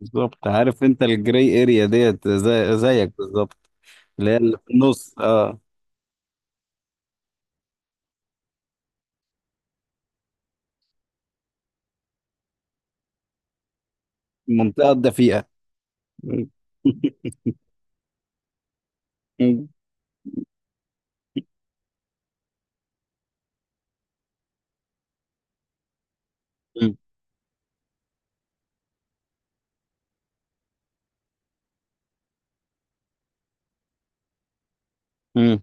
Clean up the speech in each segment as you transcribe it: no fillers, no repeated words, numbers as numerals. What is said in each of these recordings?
بالظبط، عارف انت الجراي اريا ديت زي زيك بالظبط. اللي هي اللي في النص، اه. المنطقه الدفيئه. مم. مم. مم.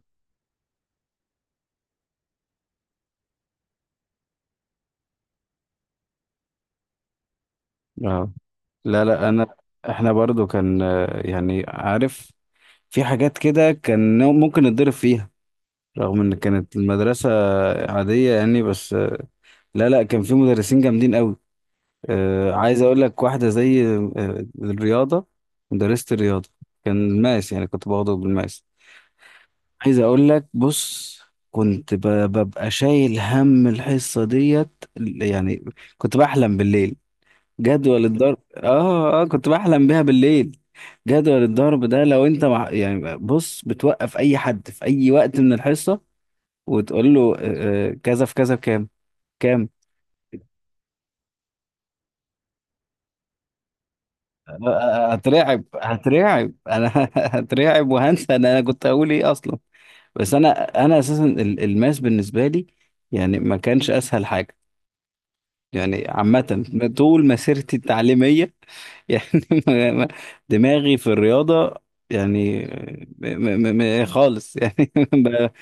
اه لا لا انا احنا برضو كان آه، يعني عارف، في حاجات كده كان ممكن نتضرب فيها رغم ان كانت المدرسة عادية يعني. بس آه، لا لا، كان في مدرسين جامدين قوي. آه، عايز اقول لك واحدة زي آه الرياضة. مدرسة الرياضة كان الماس، يعني كنت باخده بالماس. عايز اقول لك، بص، ببقى شايل هم الحصة ديت يعني. كنت بحلم بالليل، جدول الضرب. اه، كنت بحلم بيها بالليل، جدول الضرب ده. يعني بص، بتوقف اي حد في اي وقت من الحصة وتقول له آه، آه، كذا في كذا بكام. كام. آه، آه، آه، هترعب، هترعب انا هترعب وهنسى ان انا كنت هقول ايه اصلا. بس انا، الماس بالنسبة لي يعني ما كانش اسهل حاجة، يعني عامة، طول مسيرتي التعليمية. يعني ما- ما- دماغي في الرياضة يعني م م خالص يعني.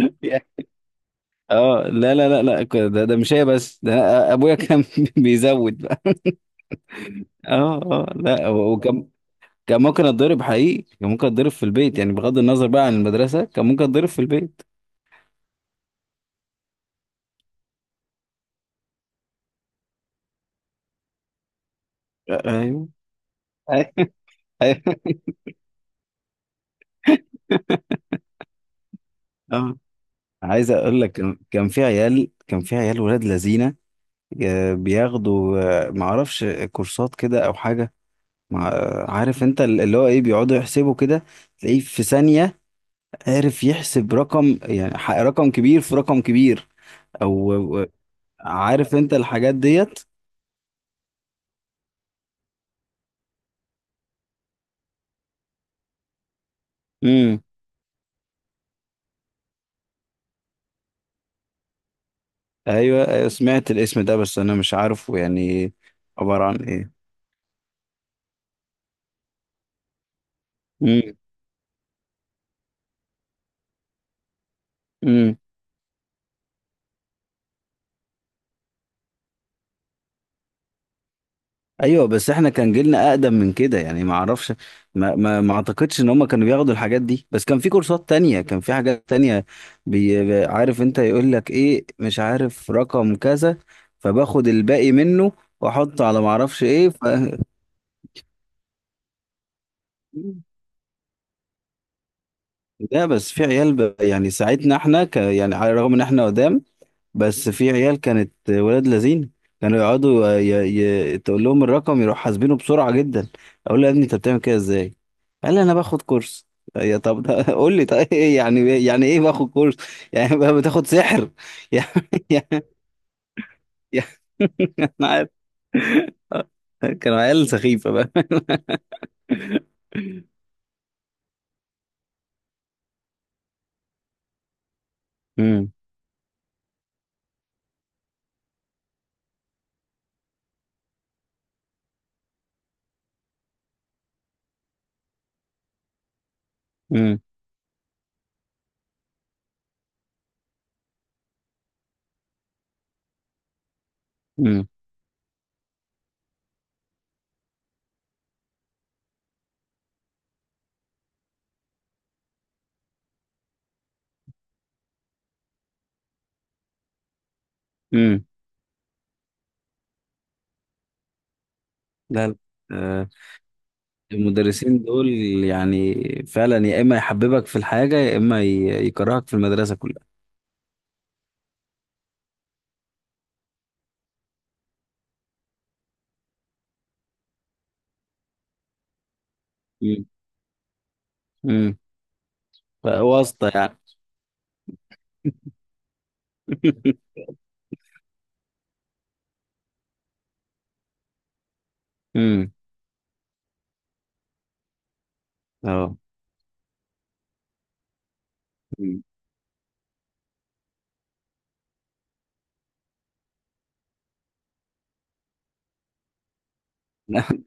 ب- اه لا لا لا لا ك- ده ده مش هي بس، ده ابويا كان بيزود بقى. اه لا، وكان كان ممكن اتضرب حقيقي، كان ممكن اتضرب في البيت يعني، بغض النظر بقى عن المدرسة، كان ممكن اتضرب في البيت. ايوه. ايوه. اه عايز اقول لك، كان في عيال، كان في عيال ولاد لذينه، آه، بياخدوا آه، معرفش، كورسات كده او حاجه، مع آه، عارف انت اللي هو ايه، بيقعدوا يحسبوا كده تلاقيه في ثانيه، عارف، يحسب رقم يعني رقم كبير في رقم كبير او أو- عارف انت الحاجات ديت. امم. ايوه أيوة، سمعت الاسم ده بس انا مش عارفه يعني عباره عن ايه. امم. ايوه بس احنا كان جيلنا اقدم من كده يعني، ما اعرفش، ما اعتقدش ان هم كانوا بياخدوا الحاجات دي، بس كان في كورسات تانية، كان في حاجات تانية. عارف انت، يقول لك ايه، مش عارف رقم كذا، فباخد الباقي منه واحطه على ما اعرفش ايه ف... لا بس في عيال يعني ساعتنا احنا يعني على الرغم ان احنا قدام، بس في عيال كانت ولاد لذين، كانوا يقعدوا تقول لهم الرقم يروح حاسبينه بسرعة جدا. اقول له يا ابني انت بتعمل كده ازاي، قال لي انا باخد كورس. يا طب ده، قول لي طيب ايه، يعني إيه يعني، ايه باخد كورس؟ يعني بقى بتاخد سحر؟ يعني يعني يعني انا عارف، كانوا عيال سخيفة بقى. امم امم امم امم لا لا. آه، المدرسين دول يعني فعلا يا اما يحببك في الحاجة يا اما يكرهك في المدرسة كلها. امم، واسطة يعني. امم. اه. أمم.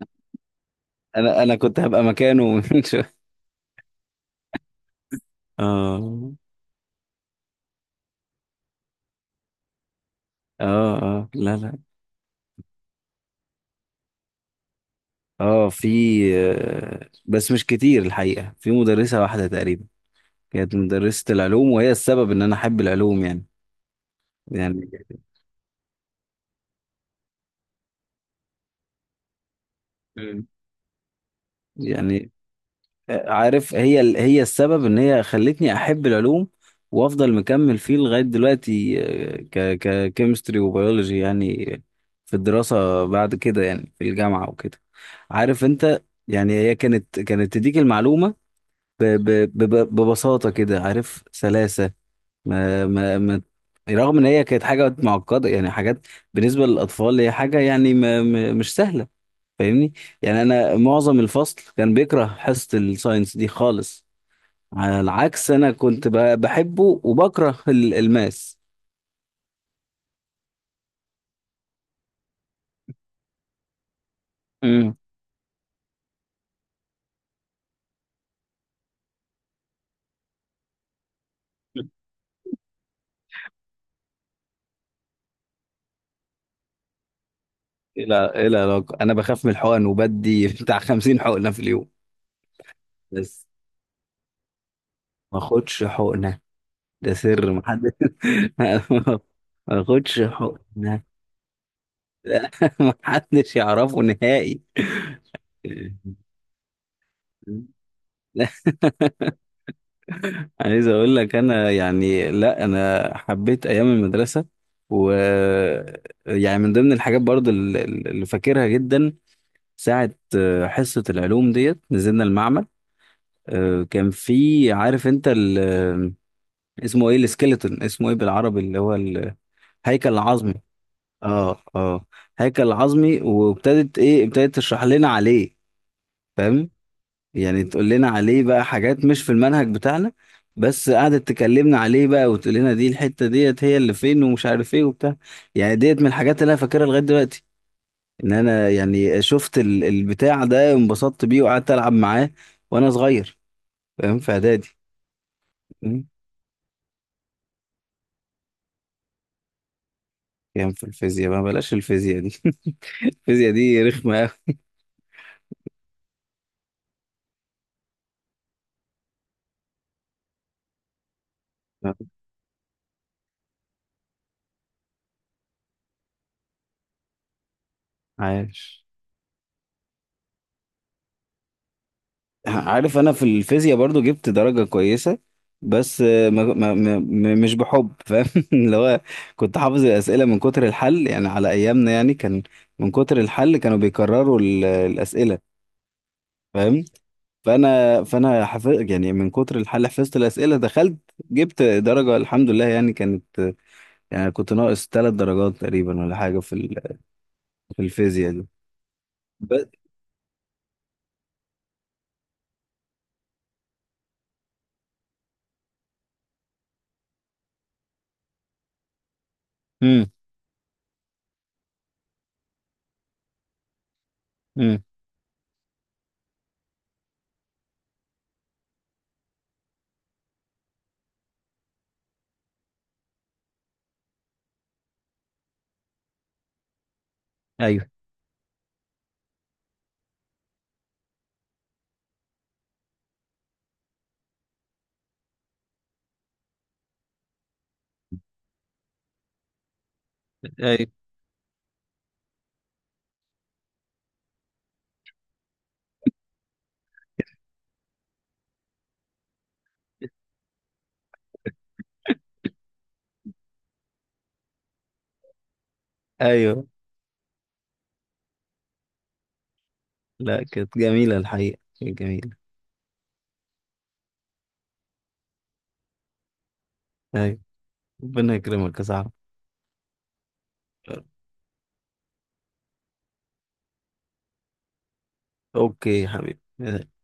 انا انا كنت هبقى مكانه من شوية. اه اه لا لا. اه في آه، بس مش كتير الحقيقة، في مدرسة واحدة تقريبا، كانت مدرسة العلوم، وهي السبب ان انا احب العلوم يعني. يعني. مم. يعني عارف، هي السبب ان هي خلتني احب العلوم وافضل مكمل فيه لغايه دلوقتي، آه، ك ككيمستري وبيولوجي يعني، في الدراسه بعد كده، يعني في الجامعه وكده. عارف انت، يعني هي كانت، كانت تديك المعلومه ب ب ب ببساطه كده، عارف، سلاسه، ما ما ما رغم ان هي كانت حاجه معقده يعني، حاجات بالنسبه للاطفال هي حاجه يعني مش سهله، فاهمني. يعني انا معظم الفصل كان بيكره حصة الساينس دي خالص، على العكس انا كنت بحبه وبكره الماس. امم. الى الى علاقة انا بخاف من الحقن وبدي بتاع 50 حقنة في اليوم؟ بس ما اخدش حقنة، ده سر، محدش. ما اخدش حقنة. لا، محدش يعرفه نهائي. عايز اقول لك، انا يعني لا انا حبيت ايام المدرسه، و، يعني من ضمن الحاجات برضو اللي فاكرها جدا، ساعه آه، حصه العلوم ديت نزلنا المعمل، آه، كان في، عارف انت ال... آه، اسمه ايه السكيلتون، اسمه ايه بالعربي، اللي هو الهيكل العظمي. اه. هيكل العظمي، وابتدت ايه، ابتدت تشرح لنا عليه، فاهم، يعني تقول لنا عليه بقى حاجات مش في المنهج بتاعنا، بس قعدت تكلمنا عليه بقى، وتقول لنا دي الحتة ديت هي اللي فين ومش عارف ايه وبتاع. يعني ديت من الحاجات اللي انا فاكرها لغاية دلوقتي، ان انا يعني شفت البتاع ده، انبسطت بيه وقعدت العب معاه وانا صغير، فاهم، في اعدادي. أمم. يعني في الفيزياء بقى، بلاش الفيزياء دي. الفيزياء دي رخمة قوي. عايش. عارف انا في الفيزياء برضو جبت درجة كويسة، بس آه، مش بحب، فاهم، اللي هو كنت حافظ الأسئلة من كتر الحل، يعني على أيامنا يعني، كان من كتر الحل كانوا بيكرروا الأسئلة، فاهم، فأنا حفظ يعني من كتر الحل، حفظت الأسئلة، دخلت جبت درجة الحمد لله، يعني كانت، يعني كنت ناقص 3 درجات تقريبا ولا حاجة في ال- في الفيزياء دي. بس. امم. امم ايوه ايوه ايوه لا كانت جميلة الحقيقة، كانت جميلة. أيوة. ربنا يكرمك يا صاحبي. اوكي يا حبيبي.